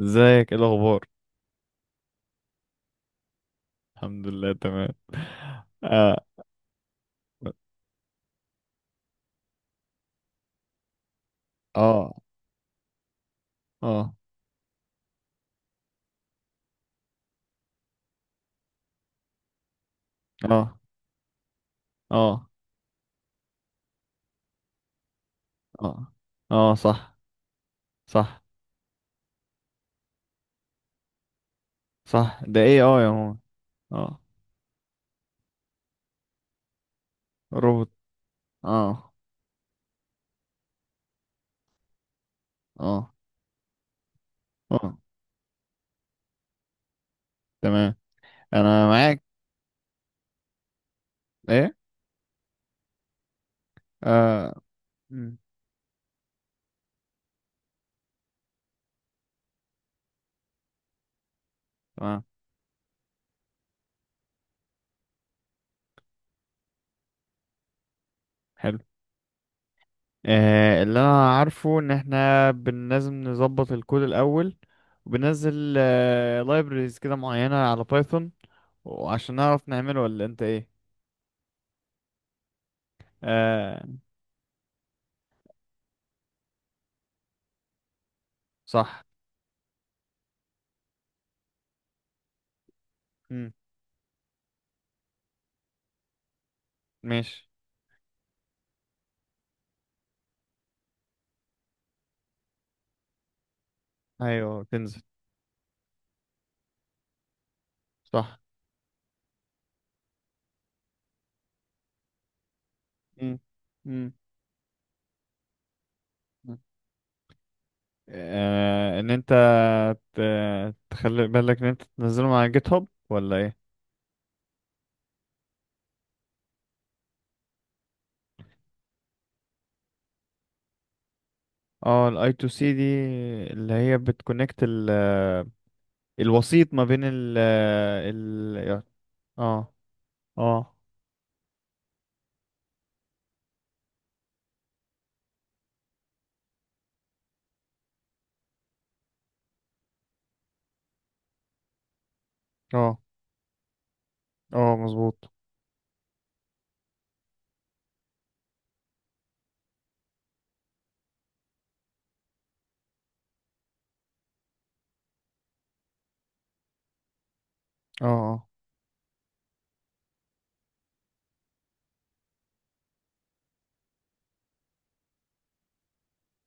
ازيك؟ ايه الاخبار؟ الحمد لله، تمام. اه. اه. اه. اه. اه. اه. اه، صح. صح. صح. ده ايه؟ اه يا ماما. اه. روبوت. اه. اه. اه. تمام، انا معاك. ايه؟ اه. مم. تمام، حلو. اللي انا عارفه ان احنا لازم نظبط الكود الاول، وبننزل libraries كده معينة على بايثون، وعشان نعرف نعمله، ولا انت ايه؟ آه، صح. مم. ماشي. ايوه، تنزل. صح. مم. مم. مم. ان انت ت... تخلي بالك ان انت تنزله مع جيت هاب ولا ايه؟ اه، الاي تو سي دي اللي هي بتكونكت الوسيط ما بين ال اه. اه. اه. اه، مظبوط. اه. اه.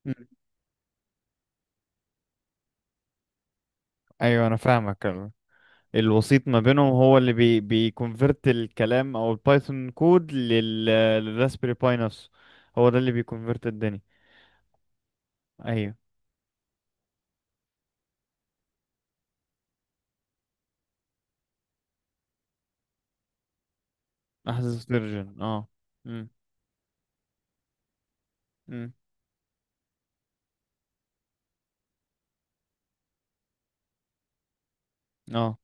مم. ايوه انا فاهمك. الوسيط ما بينهم هو اللي بيكونفرت الكلام او البايثون كود للراسبيري باي نفسه. هو ده اللي بيكونفرت الدنيا. ايوه. احدث فيرجن، اه. امم امم اه،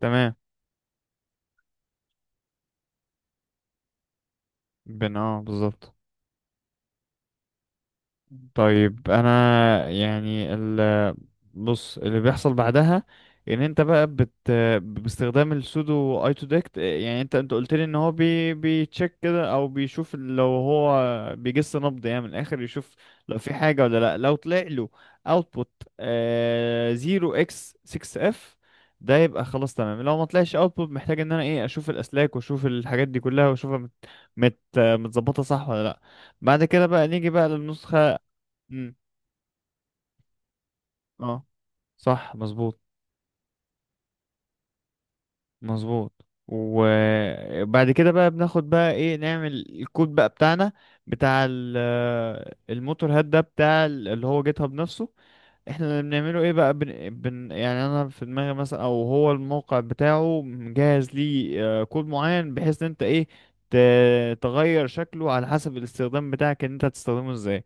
تمام. بن اه بالظبط. طيب انا يعني، بص اللي بيحصل بعدها، ان انت بقى باستخدام السودو اي تو ديكت، يعني انت قلت لي ان هو بيتشيك كده، او بيشوف لو هو بيجس نبض، يعني من الاخر يشوف لو في حاجه ولا لا. لو طلع له اوتبوت 0x6F، ده يبقى خلاص تمام. لو ما طلعش اوتبوت محتاج ان انا، ايه، اشوف الاسلاك واشوف الحاجات دي كلها واشوفها متظبطه صح ولا لا. بعد كده بقى نيجي بقى للنسخه. مم. اه، صح مظبوط. مظبوط. وبعد كده بقى بناخد بقى، ايه، نعمل الكود بقى بتاعنا بتاع الموتور هاد ده بتاع اللي هو جيت هاب نفسه. احنا اللي بنعمله ايه بقى، يعني انا في دماغي مثلا، او هو الموقع بتاعه مجهز ليه كود معين بحيث ان انت، ايه، ت... تغير شكله على حسب الاستخدام بتاعك ان انت هتستخدمه ازاي.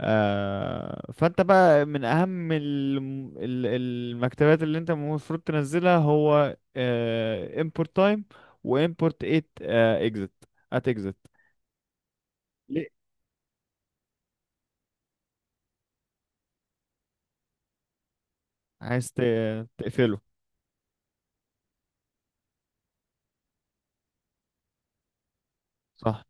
فانت بقى من اهم المكتبات اللي انت المفروض تنزلها هو، import time و import at exit. at exit ليه؟ عايز تقفله. صح.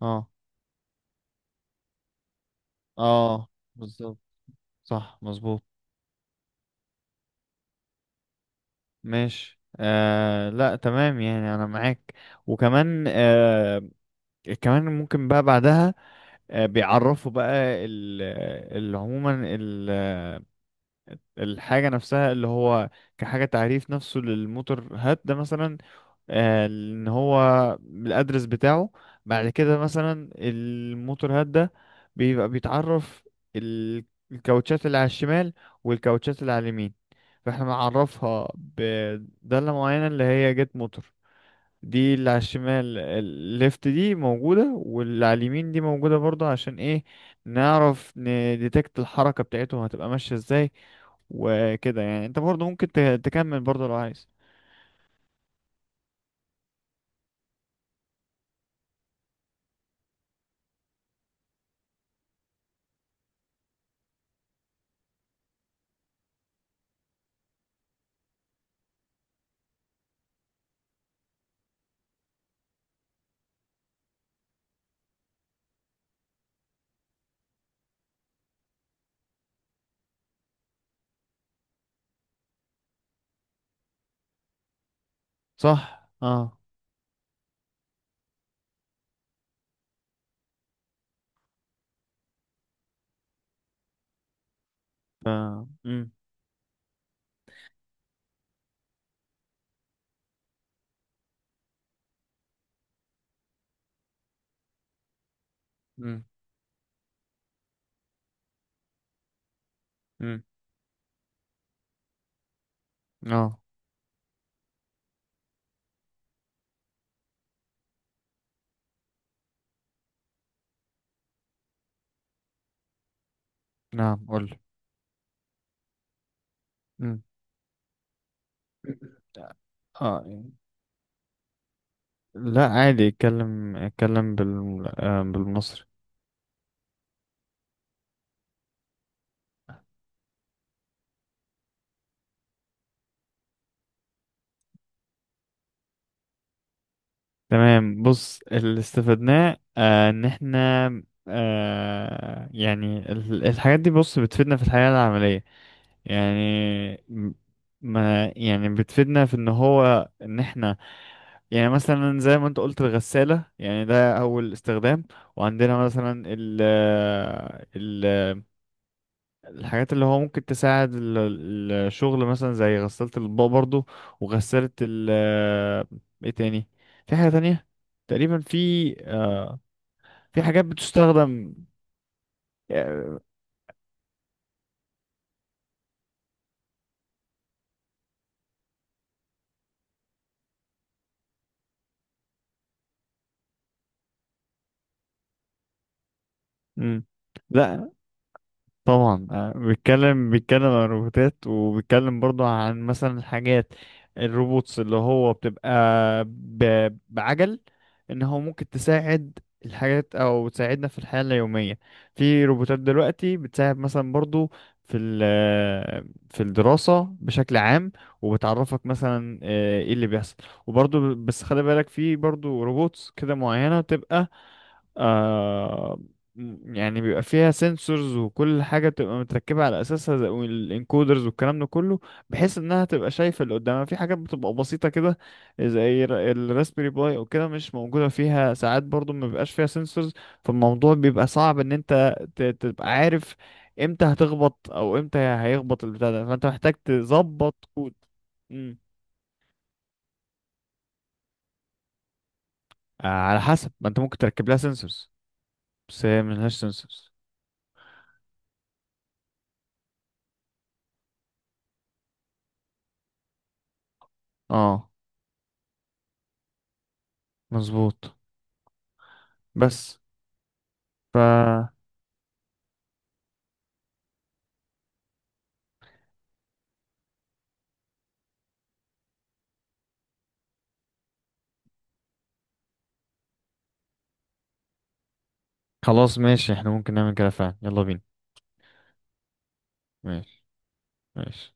اه. اه، بالظبط. صح مظبوط. ماشي، آه لا تمام، يعني انا معاك. وكمان كمان ممكن بقى بعدها بيعرفوا بقى ال- عموما الحاجة نفسها اللي هو كحاجة تعريف نفسه للموتور هات ده مثلا، ان هو الادرس بتاعه. بعد كده مثلا الموتور هاد ده بيبقى بيتعرف ال- الكاوتشات اللي على الشمال، والكاوتشات اللي على اليمين. فاحنا بنعرفها بدالة معينة اللي هي جيت موتور. دي اللي على الشمال الليفت دي موجودة، واللي على اليمين دي موجودة برضه، عشان ايه؟ نعرف نديتكت الحركة بتاعتهم هتبقى ماشية ازاي. وكده يعني انت برضه ممكن تكمل برضه لو عايز. صح. اه. ف... مم. مم. اه، نعم قول. مم. اه، لا عادي اتكلم اتكلم بالمصري. تمام. بص اللي استفدناه ان احنا، يعني الحاجات دي بص بتفيدنا في الحياة العملية، يعني م- ما يعني بتفيدنا في ان هو ان احنا، يعني مثلا زي ما انت قلت الغسالة، يعني ده اول استخدام. وعندنا مثلا ال الحاجات اللي هو ممكن تساعد الشغل مثلا زي غسالة الأطباق برضو، وغسالة ال. ايه تاني؟ في حاجة تانية تقريبا في، آه، في حاجات بتستخدم، آه، مم. لا طبعا، بيتكلم بيتكلم عن الروبوتات، وبيتكلم برضو عن مثلا الحاجات الروبوتس اللي هو بتبقى بعجل، ان هو ممكن تساعد الحاجات او تساعدنا في الحياة اليومية. في روبوتات دلوقتي بتساعد مثلا برضو في في الدراسة بشكل عام، وبتعرفك مثلا ايه اللي بيحصل. وبرضو بس خلي بالك في برضو روبوتس كده معينة تبقى آه، يعني بيبقى فيها سنسورز، وكل حاجة بتبقى متركبة على أساسها زي الانكودرز والكلام ده كله بحيث إنها تبقى شايفة اللي قدامها. في حاجات بتبقى بسيطة كده زي الراسبيري باي أو كده مش موجودة فيها. ساعات برضو ما بيبقاش فيها سنسورز، فالموضوع بيبقى صعب إن أنت تبقى عارف إمتى هتخبط أو إمتى هيخبط البتاع ده، فأنت محتاج تظبط كود. مم. آه، على حسب ما أنت ممكن تركب لها سنسورز، بس هي ملهاش سنسورز. اه، مظبوط. بس، ف، خلاص ماشي احنا ممكن نعمل كده فعلا، يلا بينا. ماشي. ماشي.